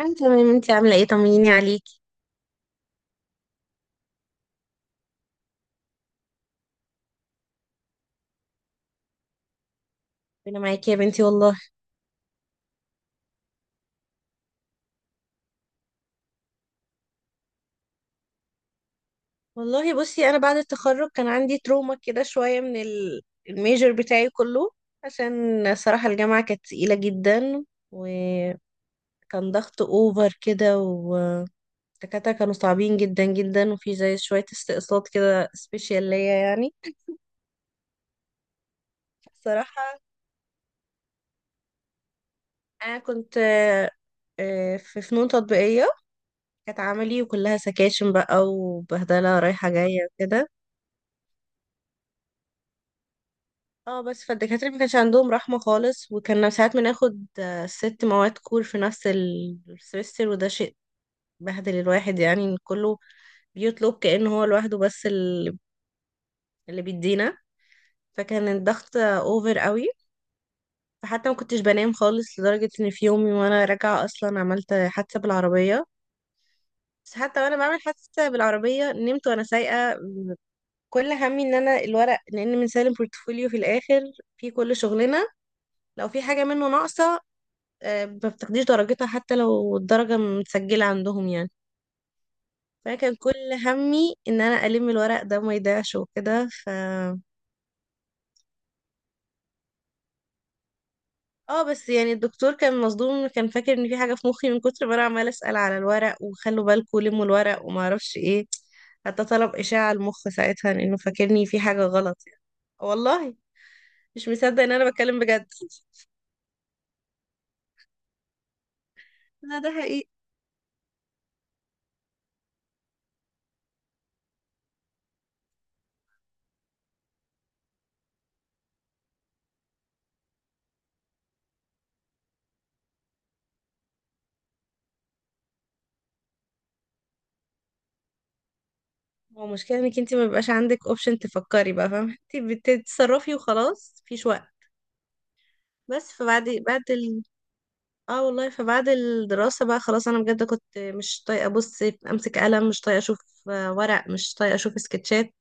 انا تمام. انتي عامله ايه؟ طمنيني عليكي. انا معاكي يا بنتي والله. والله، بصي، انا بعد التخرج كان عندي تروما كده شويه من الميجر بتاعي كله. عشان صراحه الجامعه كانت تقيله جدا، وكان ضغط اوفر كده، والدكاتره كانوا صعبين جدا جدا، وفي زي شويه استقصاد كده سبيشال ليا يعني. صراحه انا كنت في فنون تطبيقيه، كانت عملي وكلها سكاشن بقى وبهدله رايحه جايه كده. اه، بس فالدكاترة ما كانش عندهم رحمة خالص، وكنا ساعات بناخد ست مواد كور في نفس السمستر، وده شيء بهدل الواحد يعني إن كله بيطلب كأنه هو لوحده. بس اللي بيدينا، فكان الضغط اوفر قوي. فحتى ما كنتش بنام خالص، لدرجة ان في يومي وانا راجعة اصلا عملت حادثة بالعربية. بس حتى وانا بعمل حادثة بالعربية نمت وانا سايقة. كل همي ان انا الورق، لان بنسلم بورتفوليو في الاخر في كل شغلنا. لو في حاجة منه ناقصة، ما بتاخديش درجتها حتى لو الدرجة متسجلة عندهم يعني. فكان كل همي ان انا الم الورق ده ما يضيعش وكده. اه، بس يعني الدكتور كان مصدوم، كان فاكر ان في حاجة في مخي من كتر ما انا عمالة اسأل على الورق وخلوا بالكم لموا الورق وما اعرفش ايه. حتى طلب اشعة المخ ساعتها لانه فاكرني في حاجة غلط يعني. والله، مش مصدق ان انا بتكلم بجد. لا، ده حقيقي. هو المشكلة انك انت ما بيبقاش عندك اوبشن تفكري بقى، فاهمة؟ انت بتتصرفي وخلاص. في بس اه والله فبعد الدراسة بقى خلاص انا بجد كنت مش طايقة ابص، امسك قلم، مش طايقة اشوف ورق، مش طايقة اشوف سكتشات.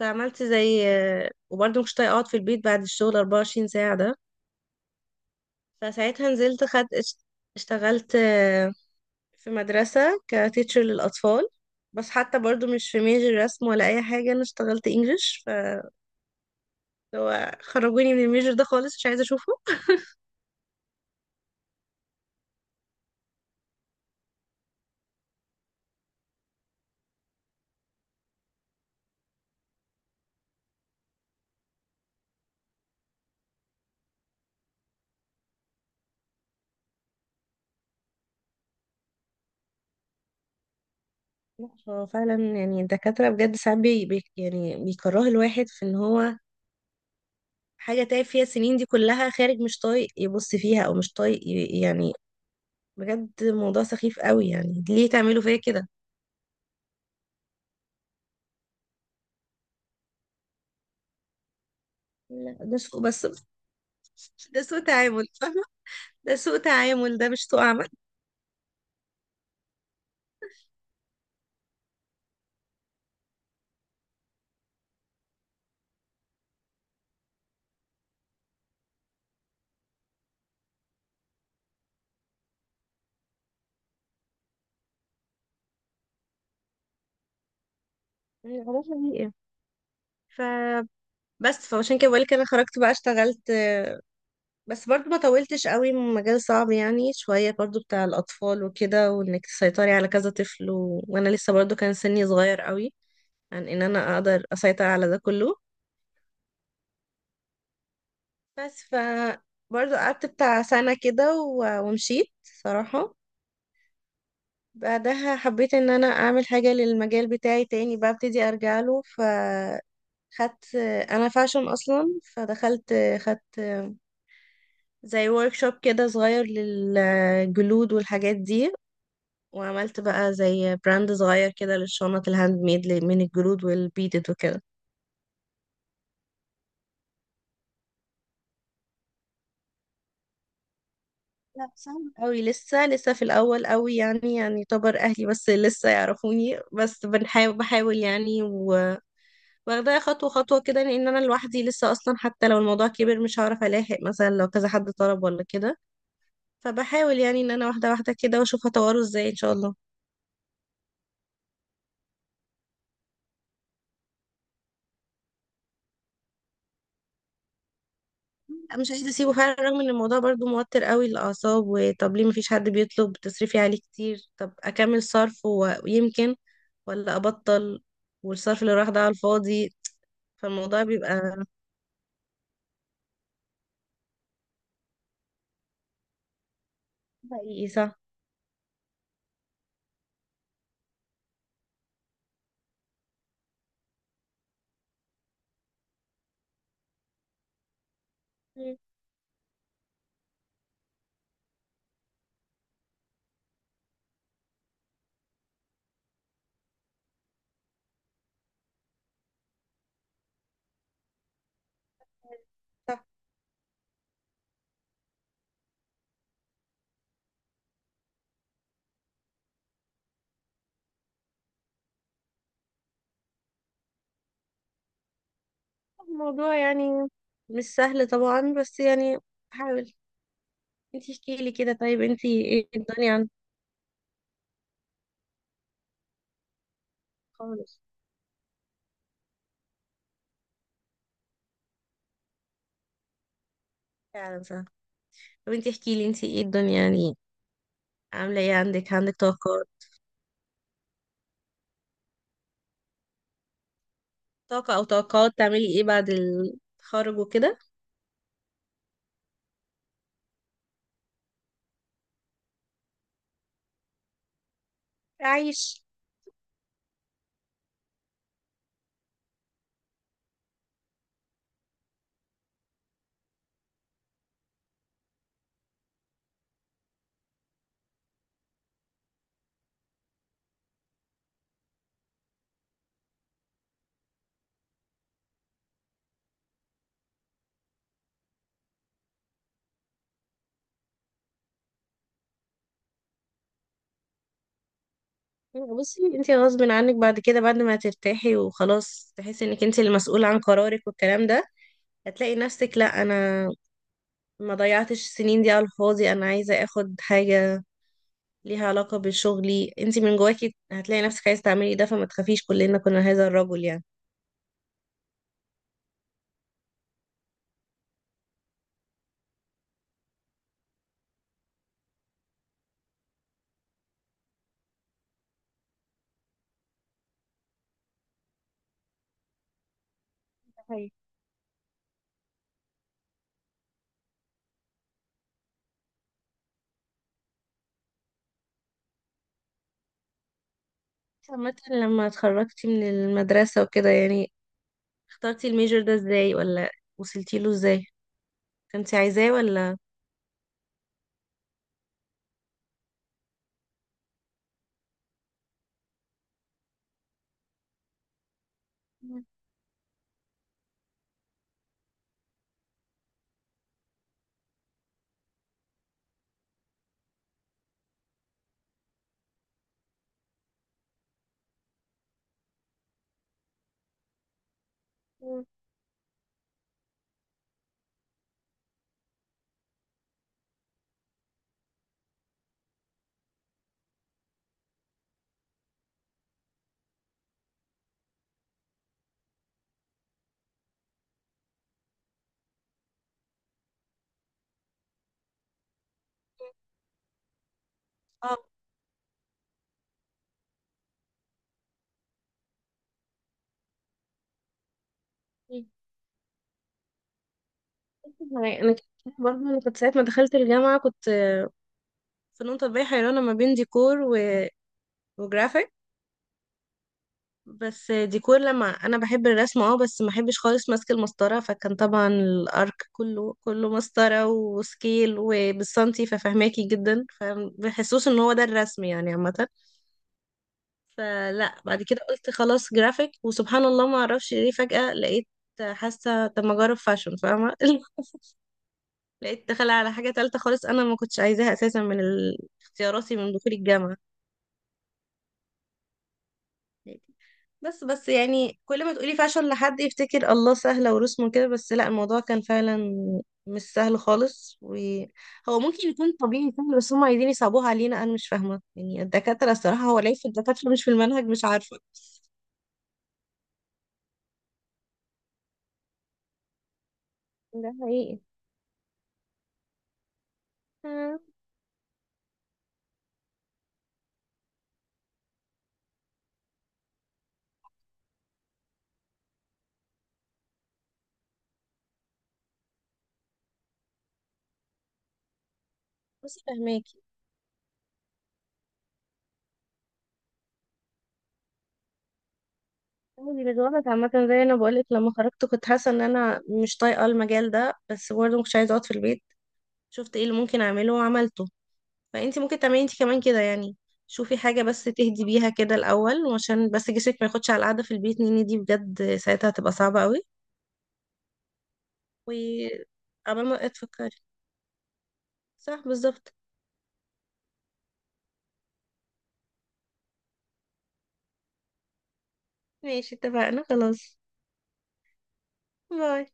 فعملت زي وبرضه مش طايقة اقعد في البيت بعد الشغل 24 ساعة ده. فساعتها نزلت اشتغلت في مدرسة كتيتشر للأطفال. بس حتى برضو مش في ميجر رسم ولا أي حاجة، أنا اشتغلت انجلش. فخرجوني من الميجر ده خالص، مش عايزة أشوفه. لا، هو فعلا يعني الدكاترة بجد ساعات يعني بيكره الواحد في ان هو حاجة تعب فيها السنين دي كلها خارج، مش طايق يبص فيها او مش طايق يعني. بجد موضوع سخيف قوي. يعني ليه تعملوا فيا كده؟ لا، ده سوء بس. ده سوء تعامل، فاهمة؟ ده سوء تعامل، ده مش سوء عمل. يعني خلاص دي ايه. فبس، فعشان كده بقولك انا خرجت بقى اشتغلت. بس برضو ما طولتش قوي، مجال صعب يعني شوية برضو بتاع الأطفال وكده، وإنك تسيطري على كذا طفل وأنا لسه برضو كان سني صغير قوي عن إن أنا أقدر أسيطر على ده كله. بس برضو قعدت بتاع سنة كده ومشيت صراحة. بعدها حبيت إن أنا أعمل حاجة للمجال بتاعي تاني، بقى ابتدي أرجع له. خدت أنا فاشن أصلا. فدخلت. خدت زي ورك شوب كده صغير للجلود والحاجات دي. وعملت بقى زي براند صغير كده للشنط الهاند ميد من الجلود والبيدد وكده. لا، صعب قوي لسه لسه في الاول قوي يعني يعتبر اهلي بس لسه يعرفوني، بس بحاول يعني. واخداها خطوه خطوه كده، لان انا لوحدي لسه اصلا. حتى لو الموضوع كبر مش هعرف الاحق، مثلا لو كذا حد طلب ولا كده. فبحاول يعني ان انا واحده واحده كده، واشوف هطوره ازاي ان شاء الله. مش عايزة اسيبه فعلا، رغم ان الموضوع برضو موتر قوي للأعصاب. وطب ليه مفيش حد بيطلب، تصرفي عليه كتير، طب اكمل صرف ويمكن ولا ابطل؟ والصرف اللي راح ده على الفاضي. فالموضوع بيبقى... حقيقي، صح. مم. صح. الموضوع يعني مش سهل طبعا، بس يعني حاول. انتي احكي لي كده، طيب انتي ايه الدنيا عندك؟ خالص. فعلا صح. طب انتي احكي لي، انتي ايه الدنيا يعني، عاملة ايه؟ عندك طاقات؟ طاقة او طاقات؟ تعملي ايه بعد التخرج وكده. عايش. بصي، انت غصب عنك بعد كده، بعد ما ترتاحي وخلاص تحسي انك انت المسؤولة عن قرارك والكلام ده، هتلاقي نفسك: لا، انا ما ضيعتش السنين دي على الفاضي، انا عايزة اخد حاجة ليها علاقة بشغلي. انت من جواكي هتلاقي نفسك عايزة تعملي ده، فما تخافيش، كلنا كنا هذا الرجل يعني. صحيح. عامة لما اتخرجتي من المدرسة وكده يعني، اخترتي الميجر ده ازاي ولا وصلتي له ازاي؟ كنتي عايزاه ولا؟ مم. اه، يعني برضه انا كنت ساعه ما دخلت الجامعه كنت فنون تطبيقيه حيرانه ما بين ديكور وجرافيك. بس ديكور، لما انا بحب الرسم اه بس ما بحبش خالص ماسك المسطره، فكان طبعا الارك كله كله مسطره وسكيل وبالسنتي ففهماكي جدا، فبحسوش ان هو ده الرسم يعني عامه. فلا بعد كده قلت خلاص جرافيك، وسبحان الله ما اعرفش ليه فجاه لقيت حاسه طب ما اجرب فاشن، فاهمه؟ لقيت دخل على حاجة تالتة خالص، أنا ما كنتش عايزاها أساسا من اختياراتي من دخول الجامعة. بس بس يعني كل ما تقولي فاشل لحد يفتكر الله سهلة ورسمه كده، بس لا الموضوع كان فعلا مش سهل خالص. وهو ممكن يكون طبيعي سهل بس هم عايزين يصعبوها علينا. أنا مش فاهمة يعني الدكاترة، الصراحة هو ليه في الدكاترة مش في المنهج، مش عارفة. ده حقيقي. آه، بس فهماكي. عادي بالوقت عامة، زي أنا بقولك، لما خرجت كنت حاسة إن أنا مش طايقة المجال ده، بس برضه مكنتش عايزة أقعد في البيت. شفت ايه اللي ممكن اعمله وعملته. فانت ممكن تعملي انت كمان كده يعني. شوفي حاجة بس تهدي بيها كده الأول، وعشان بس جسمك ما ياخدش على القعدة في البيت نيني دي، بجد ساعتها هتبقى صعبة قوي. و قبل ما تفكري، صح بالظبط. ماشي اتفقنا خلاص. باي.